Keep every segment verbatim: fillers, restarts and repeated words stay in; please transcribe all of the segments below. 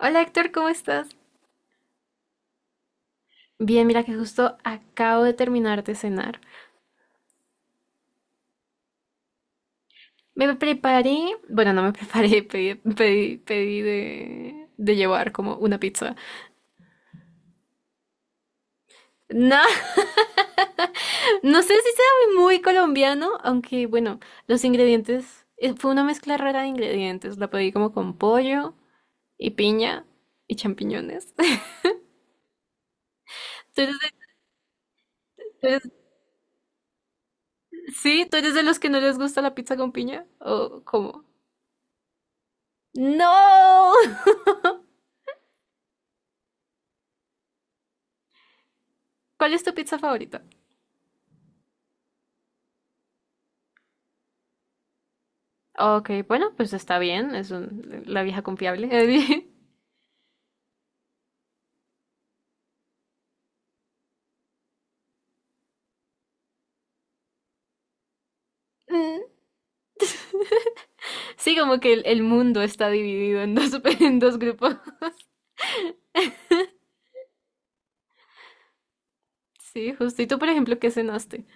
Hola Héctor, ¿cómo estás? Bien, mira que justo acabo de terminar de cenar. Me preparé, bueno, no me preparé, pedí, pedí, pedí de, de llevar como una pizza. No, no sé si sea muy colombiano, aunque bueno, los ingredientes, eh, fue una mezcla rara de ingredientes. La pedí como con pollo y piña y champiñones. ¿Tú eres de- tú eres- Sí, ¿tú eres de los que no les gusta la pizza con piña? ¿O cómo? ¡No! ¿Cuál es tu pizza favorita? Ok, bueno, pues está bien, es un- la vieja confiable. Mm, sí, como que el, el mundo está dividido en dos, en dos grupos. Sí, justo. Y tú, por ejemplo, ¿qué cenaste?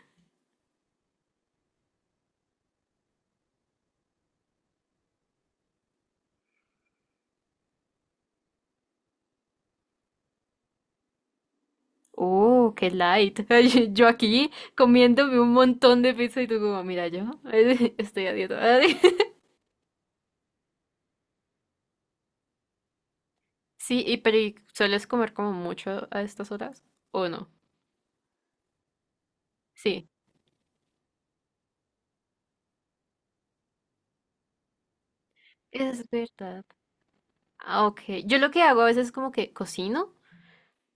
Oh, qué light. Ay, yo aquí comiéndome un montón de pizza, y tú como, mira, yo estoy a dieta. Sí, y pero ¿y ¿sueles comer como mucho a estas horas? ¿O no? Sí. Es verdad. Ah, ok. Yo lo que hago a veces es como que cocino,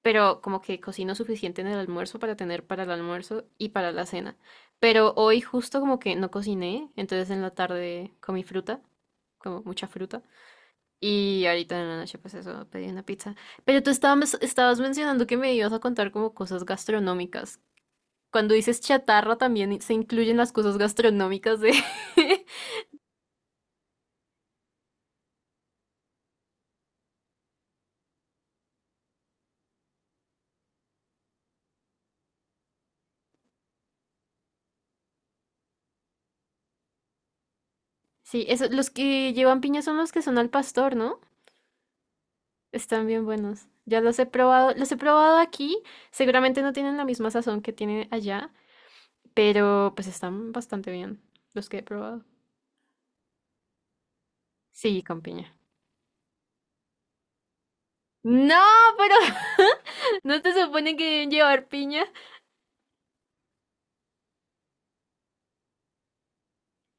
pero como que cocino suficiente en el almuerzo para tener para el almuerzo y para la cena. Pero hoy justo como que no cociné, entonces en la tarde comí fruta, como mucha fruta, y ahorita en la noche pues eso, pedí una pizza. Pero tú estabas, estabas mencionando que me ibas a contar como cosas gastronómicas. Cuando dices chatarra también se incluyen las cosas gastronómicas de… Sí, eso, los que llevan piña son los que son al pastor, ¿no? Están bien buenos. Ya los he probado, los he probado aquí. Seguramente no tienen la misma sazón que tienen allá, pero pues están bastante bien los que he probado. Sí, con piña. No, pero no te supone que deben llevar piña.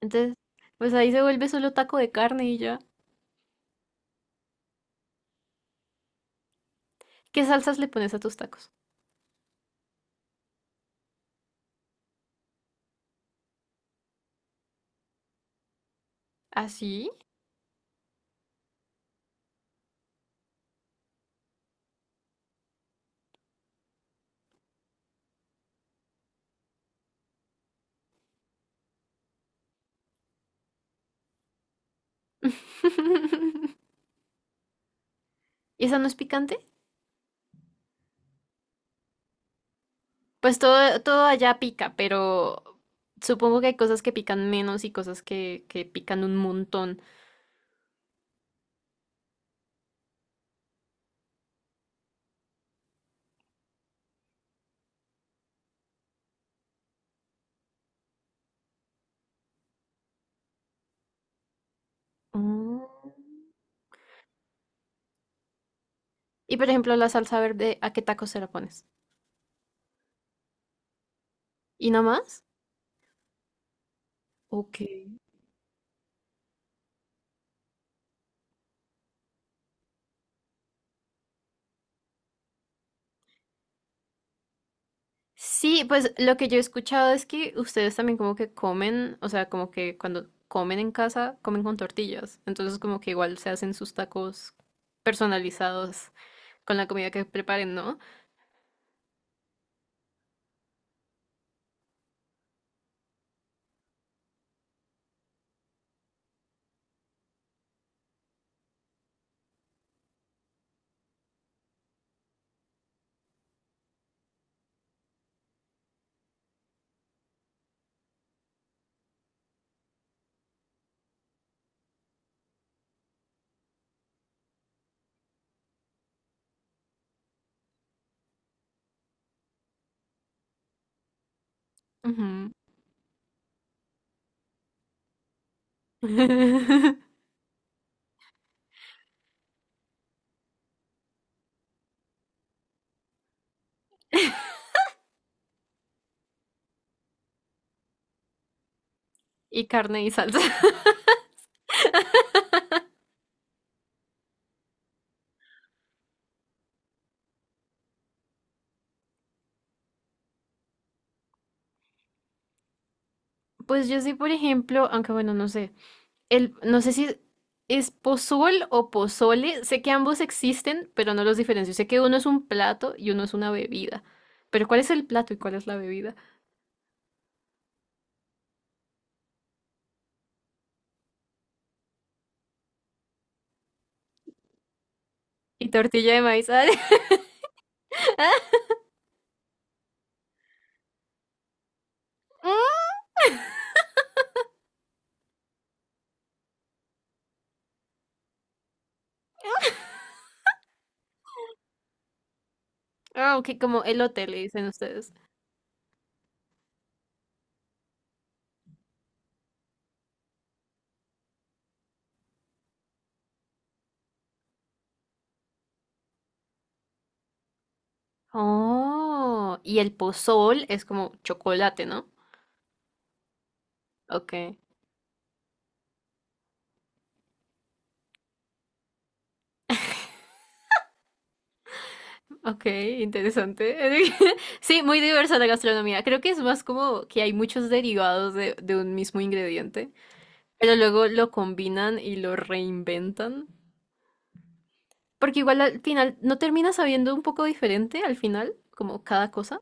Entonces, pues ahí se vuelve solo taco de carne y ya. ¿Qué salsas le pones a tus tacos? ¿Así? ¿Y esa no es picante? Pues todo, todo allá pica, pero supongo que hay cosas que pican menos y cosas que, que pican un montón. Mm. Y por ejemplo, la salsa verde, ¿a qué tacos se la pones? ¿Y no más? Ok. Sí, pues lo que yo he escuchado es que ustedes también como que comen, o sea, como que cuando comen en casa, comen con tortillas. Entonces como que igual se hacen sus tacos personalizados con la comida que preparen, ¿no? Ujú. Y carne y salsa. Pues yo sí, por ejemplo, aunque bueno, no sé. El, no sé si es pozol o pozole. Sé que ambos existen, pero no los diferencio. Sé que uno es un plato y uno es una bebida. Pero ¿cuál es el plato y cuál es la bebida? Y tortilla de maíz. Ah, ah, ok, como elote le dicen ustedes. Oh, y el pozol es como chocolate, ¿no? Ok, ok, interesante. Sí, muy diversa la gastronomía. Creo que es más como que hay muchos derivados de, de un mismo ingrediente. Pero luego lo combinan y lo reinventan. Porque igual al final, ¿no termina sabiendo un poco diferente al final? Como cada cosa.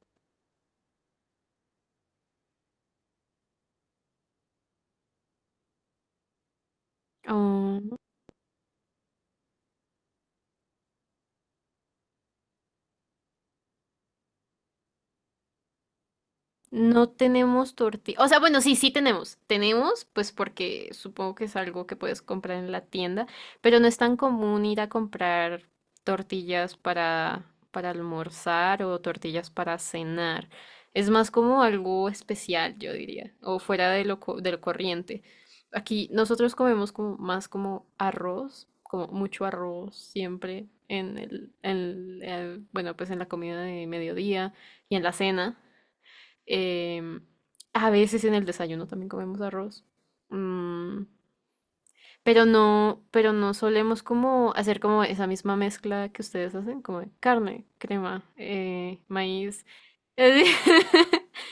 No tenemos tortilla. O sea, bueno, sí, sí tenemos. Tenemos, pues porque supongo que es algo que puedes comprar en la tienda, pero no es tan común ir a comprar tortillas para, para almorzar o tortillas para cenar. Es más como algo especial, yo diría, o fuera de lo, co- del corriente. Aquí nosotros comemos como más como arroz, como mucho arroz siempre en el, en el- bueno, pues en la comida de mediodía y en la cena. Em, a veces en el desayuno también comemos arroz. Mm, pero no, pero no solemos como hacer como esa misma mezcla que ustedes hacen, como de carne, crema, eh, maíz.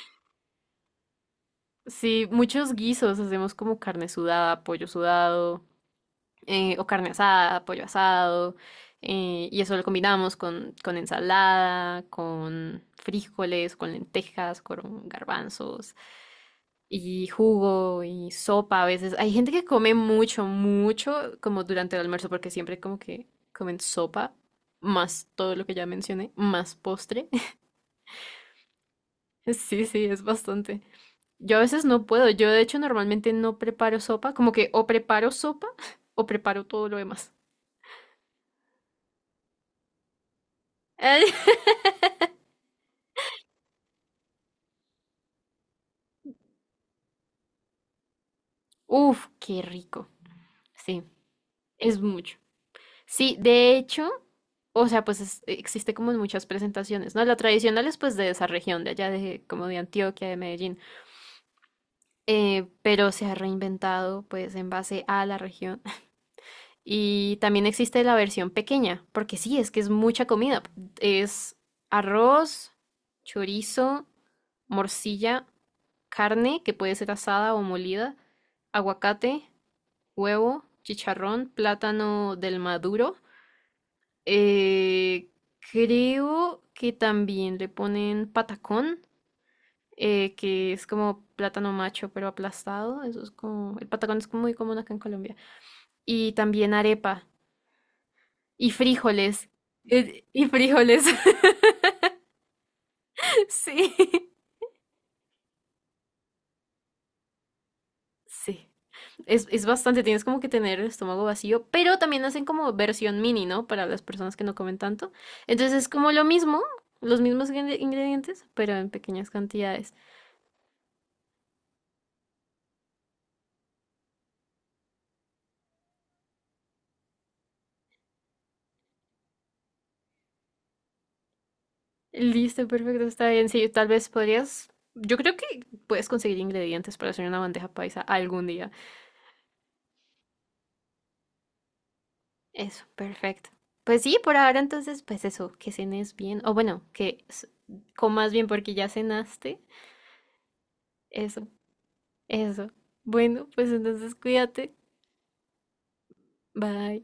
Sí, muchos guisos hacemos como carne sudada, pollo sudado, eh, o carne asada, pollo asado, eh, y eso lo combinamos con, con ensalada, con frijoles, con lentejas, con garbanzos, y jugo y sopa a veces. Hay gente que come mucho, mucho como durante el almuerzo porque siempre como que comen sopa, más todo lo que ya mencioné, más postre. Sí, sí, es bastante. Yo a veces no puedo. Yo de hecho normalmente no preparo sopa, como que o preparo sopa o preparo todo lo demás. Uf, qué rico. Sí, es mucho. Sí, de hecho, o sea, pues es- existe como en muchas presentaciones, ¿no? La tradicional es pues de esa región, de allá de como de Antioquia, de Medellín, eh, pero se ha reinventado pues en base a la región. Y también existe la versión pequeña, porque sí, es que es mucha comida. Es arroz, chorizo, morcilla, carne que puede ser asada o molida, aguacate, huevo, chicharrón, plátano del maduro. Eh, creo que también le ponen patacón, eh, que es como plátano macho pero aplastado. Eso es como, el patacón es muy común acá en Colombia. Y también arepa y frijoles. Eh, y frijoles. Sí, sí. Es, es bastante, tienes como que tener el estómago vacío, pero también hacen como versión mini, ¿no? Para las personas que no comen tanto. Entonces es como lo mismo, los mismos ingre- ingredientes, pero en pequeñas cantidades. Listo, perfecto, está bien. Sí, tal vez podrías. Yo creo que puedes conseguir ingredientes para hacer una bandeja paisa algún día. Eso, perfecto. Pues sí, por ahora entonces, pues eso, que cenes bien. O bueno, que s- comas bien porque ya cenaste. Eso, eso. Bueno, pues entonces cuídate. Bye.